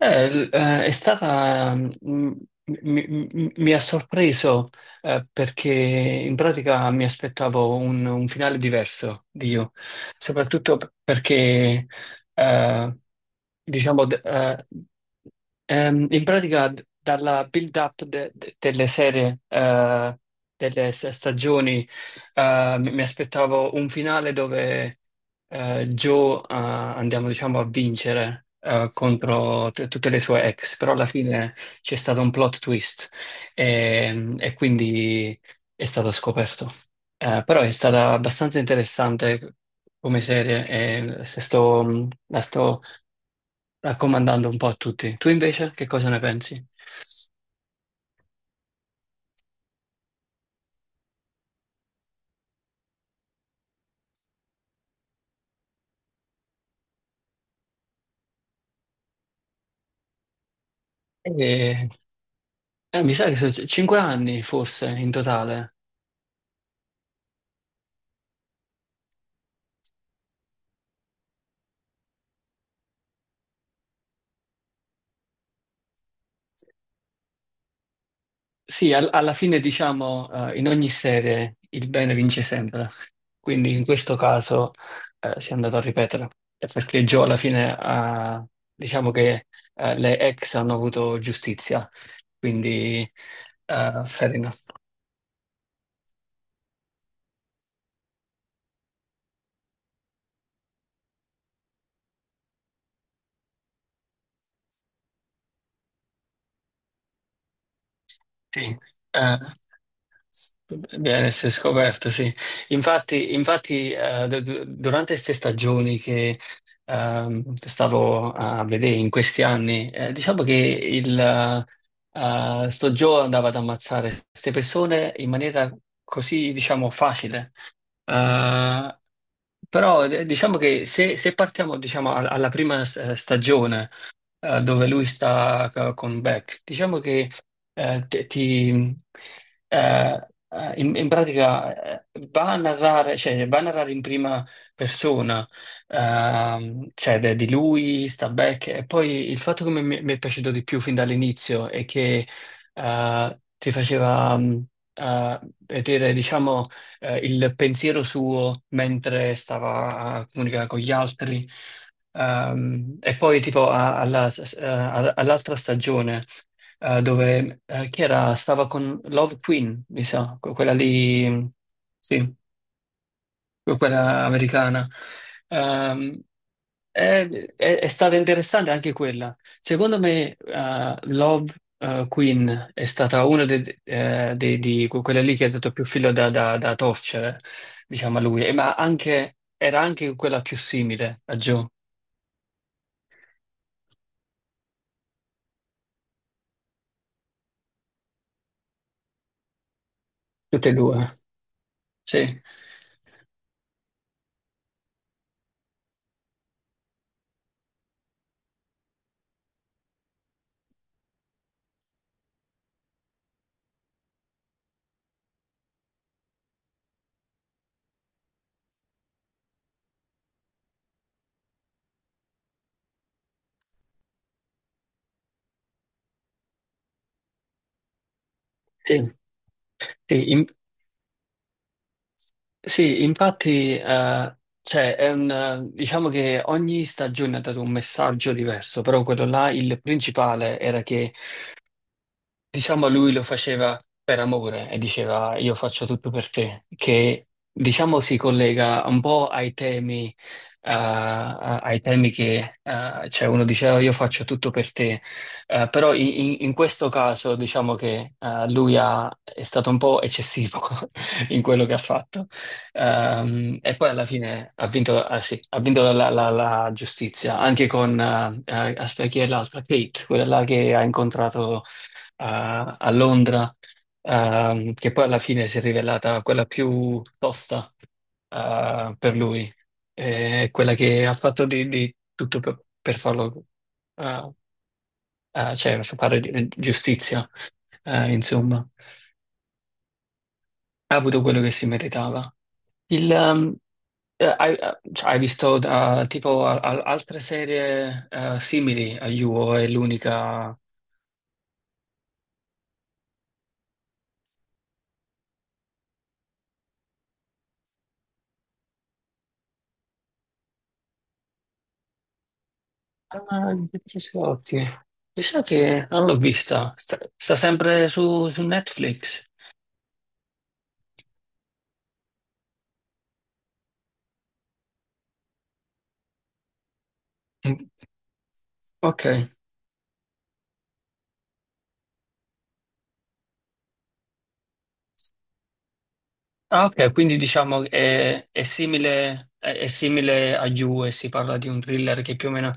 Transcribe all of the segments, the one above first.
È stata, mi ha sorpreso, perché in pratica mi aspettavo un finale diverso di You, soprattutto perché eh, diciamo in pratica, dalla build-up delle serie, delle stagioni, mi aspettavo un finale dove, Joe, andiamo, diciamo, a vincere, contro tutte le sue ex, però alla fine c'è stato un plot twist e quindi è stato scoperto. Però è stata abbastanza interessante come serie, e se sto, la sto raccomandando un po' a tutti. Tu invece che cosa ne pensi? Eh, Mi sa che sono cinque anni forse in totale. Sì, alla fine diciamo, in ogni serie il bene vince sempre, quindi in questo caso si è andato a ripetere. Perché Joe alla fine ha, diciamo che, le ex hanno avuto giustizia, quindi, fair enough. Sì, eh, bene, si è scoperto, sì. Infatti, durante queste stagioni che, stavo a vedere in questi anni, diciamo che il, sto Joe andava ad ammazzare queste persone in maniera così, diciamo, facile. Eh, Però, diciamo che se partiamo, diciamo, alla prima, stagione, dove lui sta con Beck. Diciamo che, eh, te- ti, in pratica, va a narrare, cioè, va a narrare in prima persona. Cioè di lui, sta Beck. E poi il fatto che mi è piaciuto di più fin dall'inizio è che, ti faceva... eh, vedere, diciamo, il pensiero suo mentre stava a comunicare con gli altri. E poi tipo all'altra stagione, dove, chi era? Stava con Love Queen, mi sa, quella lì, sì, quella americana. Ehm, è, è stata interessante anche quella. Secondo me, Love, Queen è stata una di quelle lì che ha dato più filo da torcere, diciamo, a lui. E ma anche, era anche quella più simile a Joe, tutte e due. Sì. Sì, sì, sì, infatti, cioè, diciamo che ogni stagione ha dato un messaggio diverso, però quello là, il principale era che diciamo lui lo faceva per amore e diceva io faccio tutto per te, che diciamo si collega un po' ai temi, ai temi che, cioè, uno diceva io faccio tutto per te. Però in questo caso diciamo che, è stato un po' eccessivo in quello che ha fatto. E poi alla fine ha vinto. Ah, sì, ha vinto la giustizia, anche con, aspetta, chi è l'altra? Kate, quella là che ha incontrato a Londra, che poi alla fine si è rivelata quella più tosta, per lui. Quella che ha fatto di tutto per farlo, eh, cioè per fare giustizia, insomma, ha avuto quello che si meritava. Il, ehm, cioè, hai visto, tipo altre serie, simili a You, o è l'unica? Ah, Dirty Scotti. Mi sa che non l'ho vista. Sta sempre su Netflix. Mm. Ok. Ah, ok, quindi diciamo che è simile, è simile a You, e si parla di un thriller che più o meno,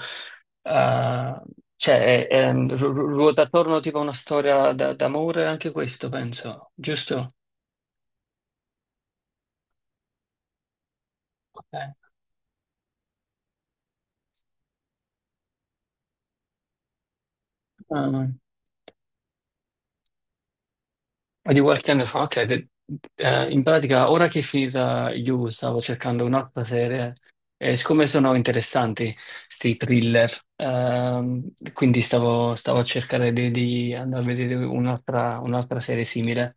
eh, cioè, ruota attorno tipo a una storia d'amore, anche questo penso, giusto? Ok. Ah, no. Ma di qualche anno fa, ok, in pratica ora che è finita You stavo cercando un'altra serie, e siccome sono interessanti sti thriller, quindi stavo a cercare di andare a vedere un'altra serie simile.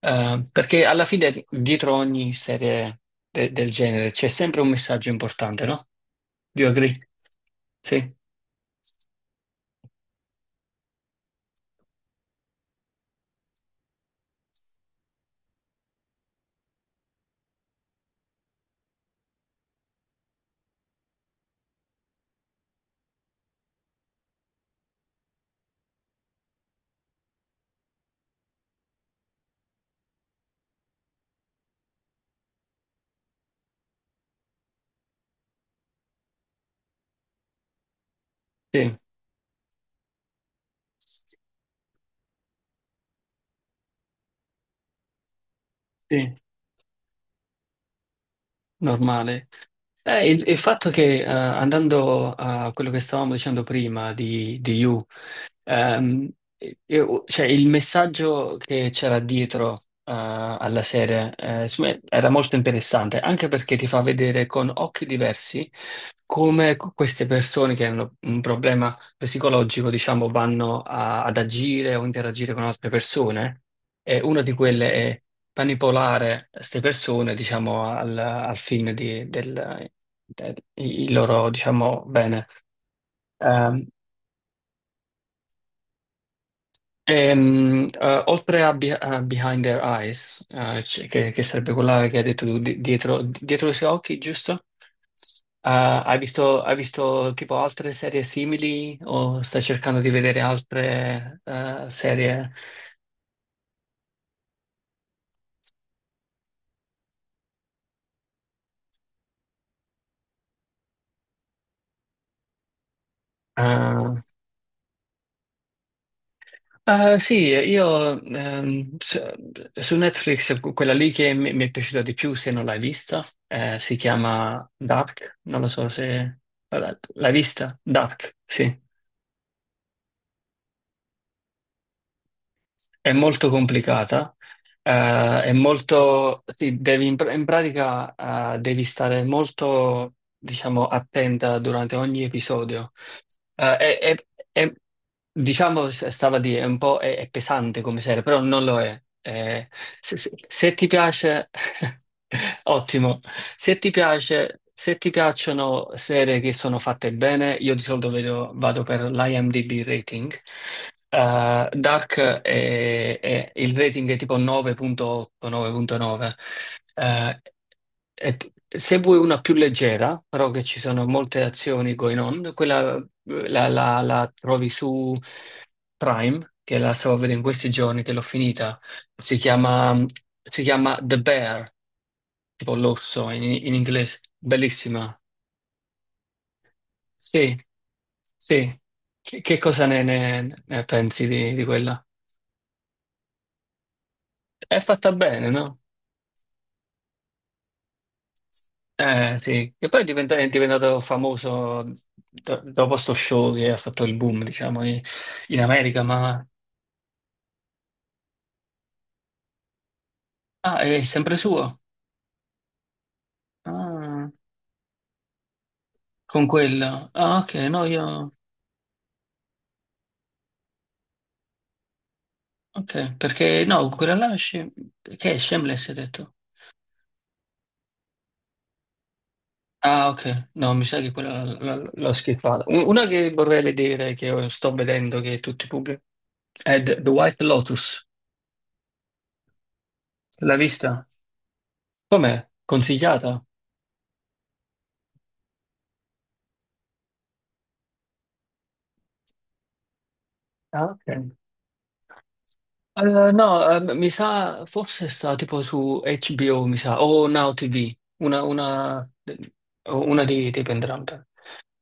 Perché alla fine dietro ogni serie del genere c'è sempre un messaggio importante, no? Do you agree? Sì, sì, sì, normale. Il fatto che, andando a quello che stavamo dicendo prima di You, ehm, cioè, il messaggio che c'era dietro, alla serie, insomma, era molto interessante, anche perché ti fa vedere con occhi diversi come queste persone che hanno un problema psicologico, diciamo, vanno ad agire o interagire con altre persone. E una di quelle è manipolare queste persone, diciamo, al fine di, del, il loro, diciamo, bene. Ehm, Oltre a Behind Their Eyes, che sarebbe quella che hai detto tu, dietro i suoi occhi, giusto? Ah, hai visto, tipo altre serie simili, o stai cercando di vedere altre, serie? eh, Ah, sì, io, su Netflix quella lì che mi è piaciuta di più, se non l'hai vista, si chiama Dark, non lo so se l'hai vista. Dark, sì, è molto complicata, è molto, sì, devi in pratica, devi stare molto, diciamo, attenta durante ogni episodio. Eh, è, è- è- diciamo, stava a dire, è un po' è pesante come serie, però non lo è. Se ti piace, ottimo. Se ti piace, se ti piacciono serie che sono fatte bene, io di solito vado per l'IMDb rating. Dark, il rating è tipo 9.8, 9.9. Eh, Se vuoi una più leggera, però che ci sono molte azioni going on, quella, la trovi su Prime, che la stavo vedendo in questi giorni, che l'ho finita. Si chiama, si chiama The Bear, tipo l'orso in inglese. Bellissima. Sì, sì. Che cosa ne pensi di quella? È fatta bene, no? Eh sì, che poi è diventato famoso dopo sto show che ha fatto il boom, diciamo, in America, ma... Ah, è sempre suo? Ah, con quella... Ah, ok, no, io... Ok, perché no, quella là... Che è Shameless, hai detto? Ah, ok, no, mi sa che quella l'ho skippata. Una che vorrei vedere, che sto vedendo, che tutti pubblicano, è The White Lotus. L'hai vista? Com'è? Consigliata? Ah, ok. Eh, no, mi sa, forse sta tipo su HBO, mi sa, o Now TV, una, o una di entrambe.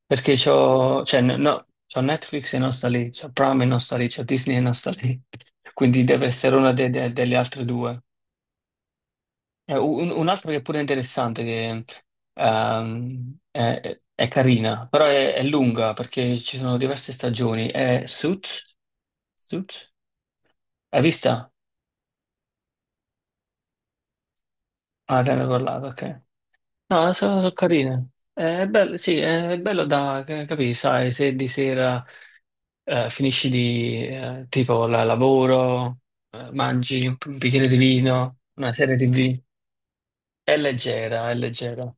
Perché c'ho, cioè, no, c'ho Netflix e non sta lì, c'ho Prime e non sta lì, c'ho Disney e non sta lì. Quindi deve essere una delle altre due. Un'altra che è pure interessante, che è carina, però è lunga perché ci sono diverse stagioni. È Suits? Suits? Hai vista? Ah, te ne ho parlato, ok. No, sono carine. È bello, sì, è bello da capire, sai, se di sera, finisci di, tipo la lavoro, mangi un bicchiere di vino, una serie TV. È leggera, è leggera.